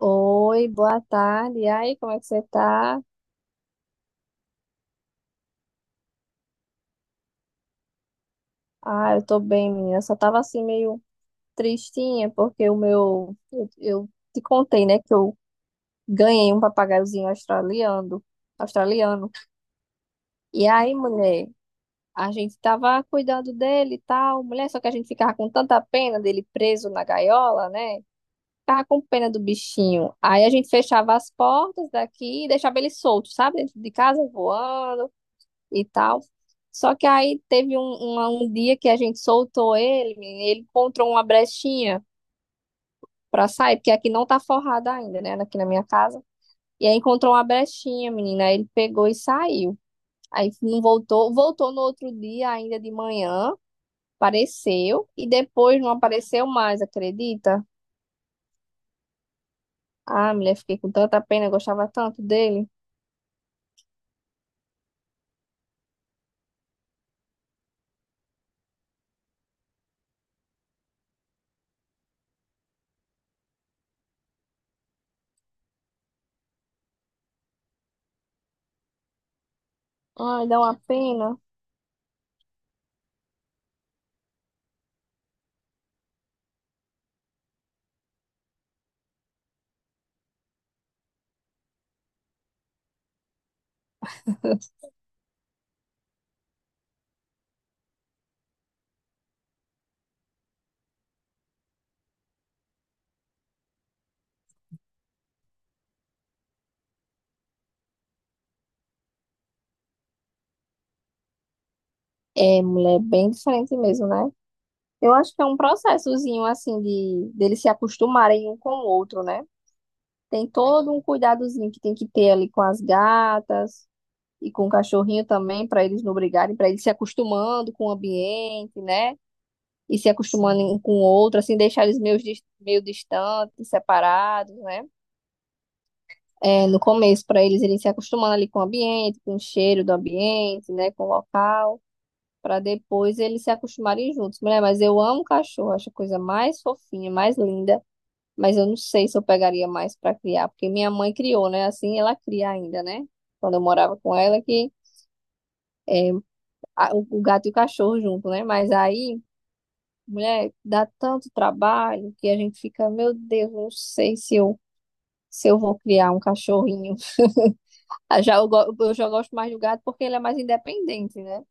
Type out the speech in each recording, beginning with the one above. Oi, boa tarde. E aí, como é que você tá? Ah, eu tô bem, menina. Eu só tava assim meio tristinha porque o meu eu te contei, né, que eu ganhei um papagaiozinho australiano, australiano. E aí, mulher, a gente tava cuidando dele e tal, mulher, só que a gente ficava com tanta pena dele preso na gaiola, né? Ficava com pena do bichinho. Aí a gente fechava as portas daqui e deixava ele solto, sabe? Dentro de casa voando. E tal. Só que aí teve um dia que a gente soltou ele, ele encontrou uma brechinha pra sair, porque aqui não tá forrada ainda, né? Aqui na minha casa. E aí encontrou uma brechinha, menina. Aí ele pegou e saiu. Aí não voltou, voltou no outro dia, ainda de manhã, apareceu, e depois não apareceu mais, acredita? Ah, mulher, fiquei com tanta pena, eu gostava tanto dele. Ai, dá uma pena. É, mulher, bem diferente mesmo, né? Eu acho que é um processozinho assim de deles se acostumarem um com o outro, né? Tem todo um cuidadozinho que tem que ter ali com as gatas e com o cachorrinho também, para eles não brigarem, para eles se acostumando com o ambiente, né? E se acostumando um com o outro, assim, deixar eles meio, meio distantes, separados, né? É, no começo, para eles irem se acostumando ali com o ambiente, com o cheiro do ambiente, né? Com o local para depois eles se acostumarem juntos. Mulher, mas eu amo cachorro, acho a coisa mais fofinha, mais linda. Mas eu não sei se eu pegaria mais para criar, porque minha mãe criou, né? Assim ela cria ainda, né? Quando eu morava com ela, que é, o gato e o cachorro junto, né? Mas aí, mulher, dá tanto trabalho que a gente fica, meu Deus, não sei se eu vou criar um cachorrinho. Ah, já eu já gosto mais do gato porque ele é mais independente, né?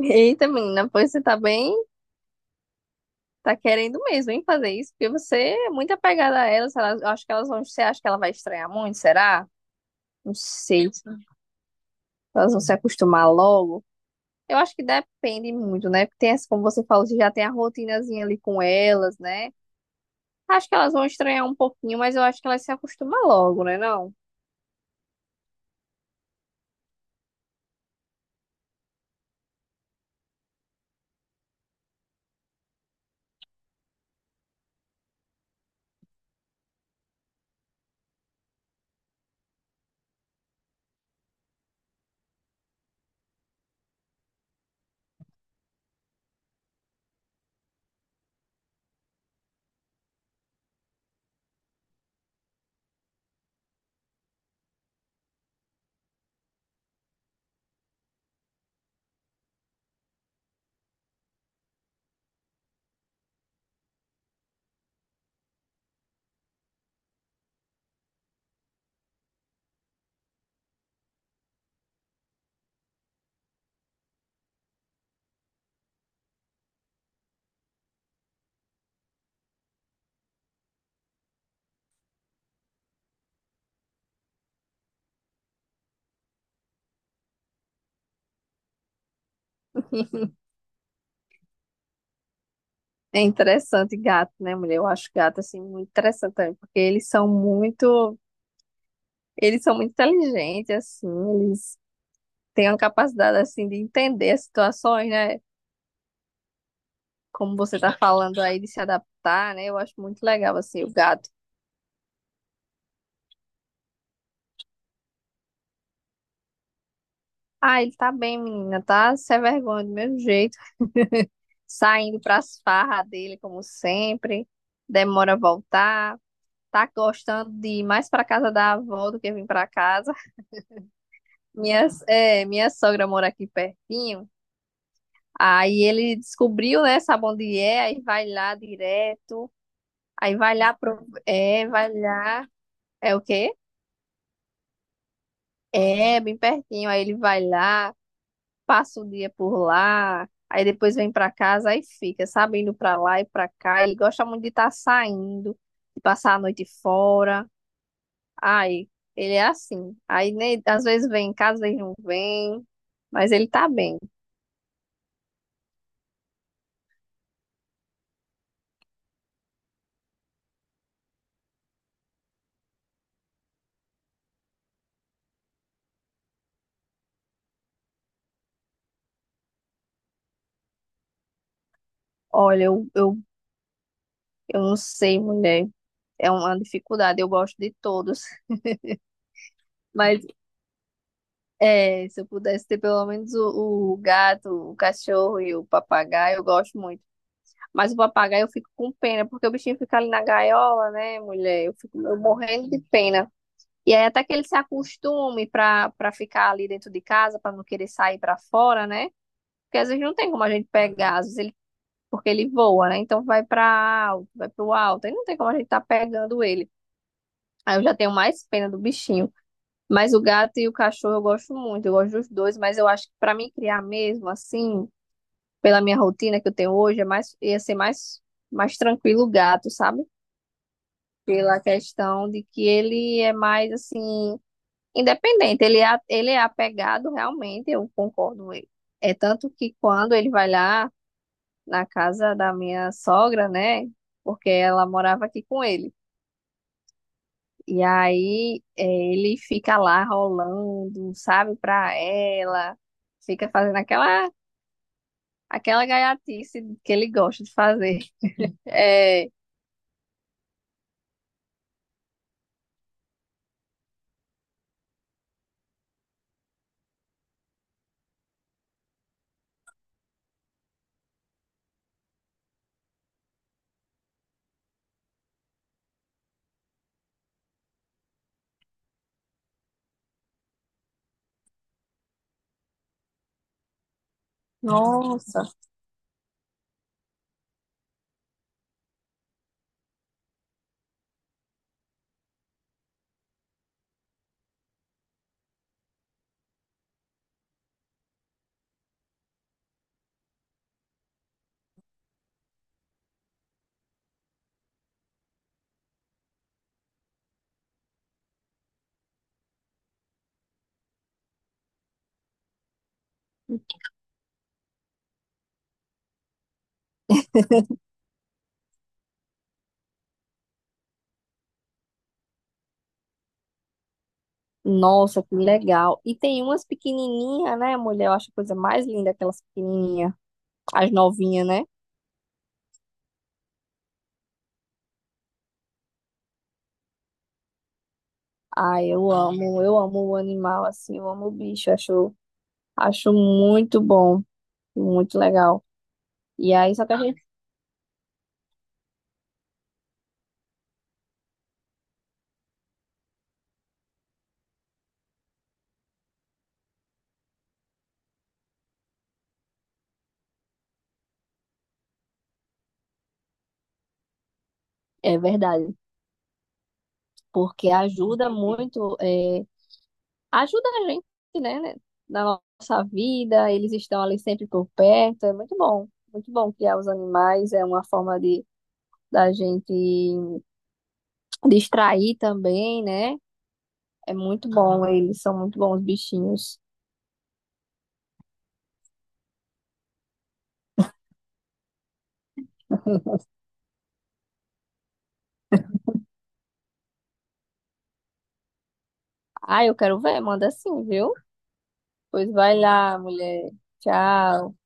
Eita, menina, pois você tá bem, tá querendo mesmo, hein, fazer isso, porque você é muito apegada a ela, sei lá, eu acho que elas vão, você acha que ela vai estranhar muito, será? Não sei. Elas vão se acostumar logo. Eu acho que depende muito, né? Porque tem essa, como você falou, você já tem a rotinazinha ali com elas, né? Acho que elas vão estranhar um pouquinho, mas eu acho que elas se acostumam logo, né? Não? É interessante gato, né, mulher? Eu acho gato, assim, muito interessante também, porque eles são muito inteligentes, assim, eles têm uma capacidade, assim, de entender as situações, né? Como você tá falando aí, de se adaptar, né? Eu acho muito legal, assim, o gato. Ah, ele tá bem, menina, tá? Se é vergonha do mesmo jeito. Saindo para as farras dele, como sempre, demora a voltar, tá gostando de ir mais para casa da avó do que vir para casa. Minha, é, minha sogra mora aqui pertinho, aí ele descobriu, né, sabe onde é, aí vai lá direto, aí vai lá, pro, é, vai lá, é o quê? É, bem pertinho, aí ele vai lá. Passa o dia por lá, aí depois vem pra casa, aí fica, sabe, indo pra lá e pra cá. Ele gosta muito de estar saindo, de passar a noite fora. Ai, ele é assim. Aí né, às vezes vem em casa, às vezes não vem, mas ele tá bem. Olha, eu não sei, mulher, é uma dificuldade, eu gosto de todos. Mas é, se eu pudesse ter pelo menos o gato, o cachorro e o papagaio, eu gosto muito. Mas o papagaio eu fico com pena, porque o bichinho fica ali na gaiola, né, mulher? Eu fico eu morrendo de pena. E aí até que ele se acostume para ficar ali dentro de casa, para não querer sair para fora, né? Porque às vezes não tem como a gente pegar, às vezes ele, porque ele voa, né? Então vai para alto, vai para o alto, aí não tem como a gente tá pegando ele. Aí eu já tenho mais pena do bichinho. Mas o gato e o cachorro eu gosto muito, eu gosto dos dois, mas eu acho que para mim criar mesmo assim, pela minha rotina que eu tenho hoje, é mais ia ser mais tranquilo o gato, sabe? Pela questão de que ele é mais assim independente, ele é apegado realmente, eu concordo. Com ele. É tanto que quando ele vai lá na casa da minha sogra, né? Porque ela morava aqui com ele. E aí é, ele fica lá rolando, sabe, pra ela, fica fazendo aquela gaiatice que ele gosta de fazer. É, nossa. Nossa, que legal. E tem umas pequenininhas, né, mulher? Eu acho a coisa mais linda aquelas pequenininhas, as novinhas, né? Ai, eu amo o animal, assim, eu amo o bicho, acho, acho muito bom, muito legal. E aí, só que a gente, é verdade, porque ajuda muito, é, ajuda a gente, né, na nossa vida, eles estão ali sempre por perto, é muito bom criar os animais, é uma forma de, da gente distrair também, né? É muito bom, eles são muito bons, bichinhos. Ah, eu quero ver, manda sim, viu? Pois vai lá, mulher. Tchau.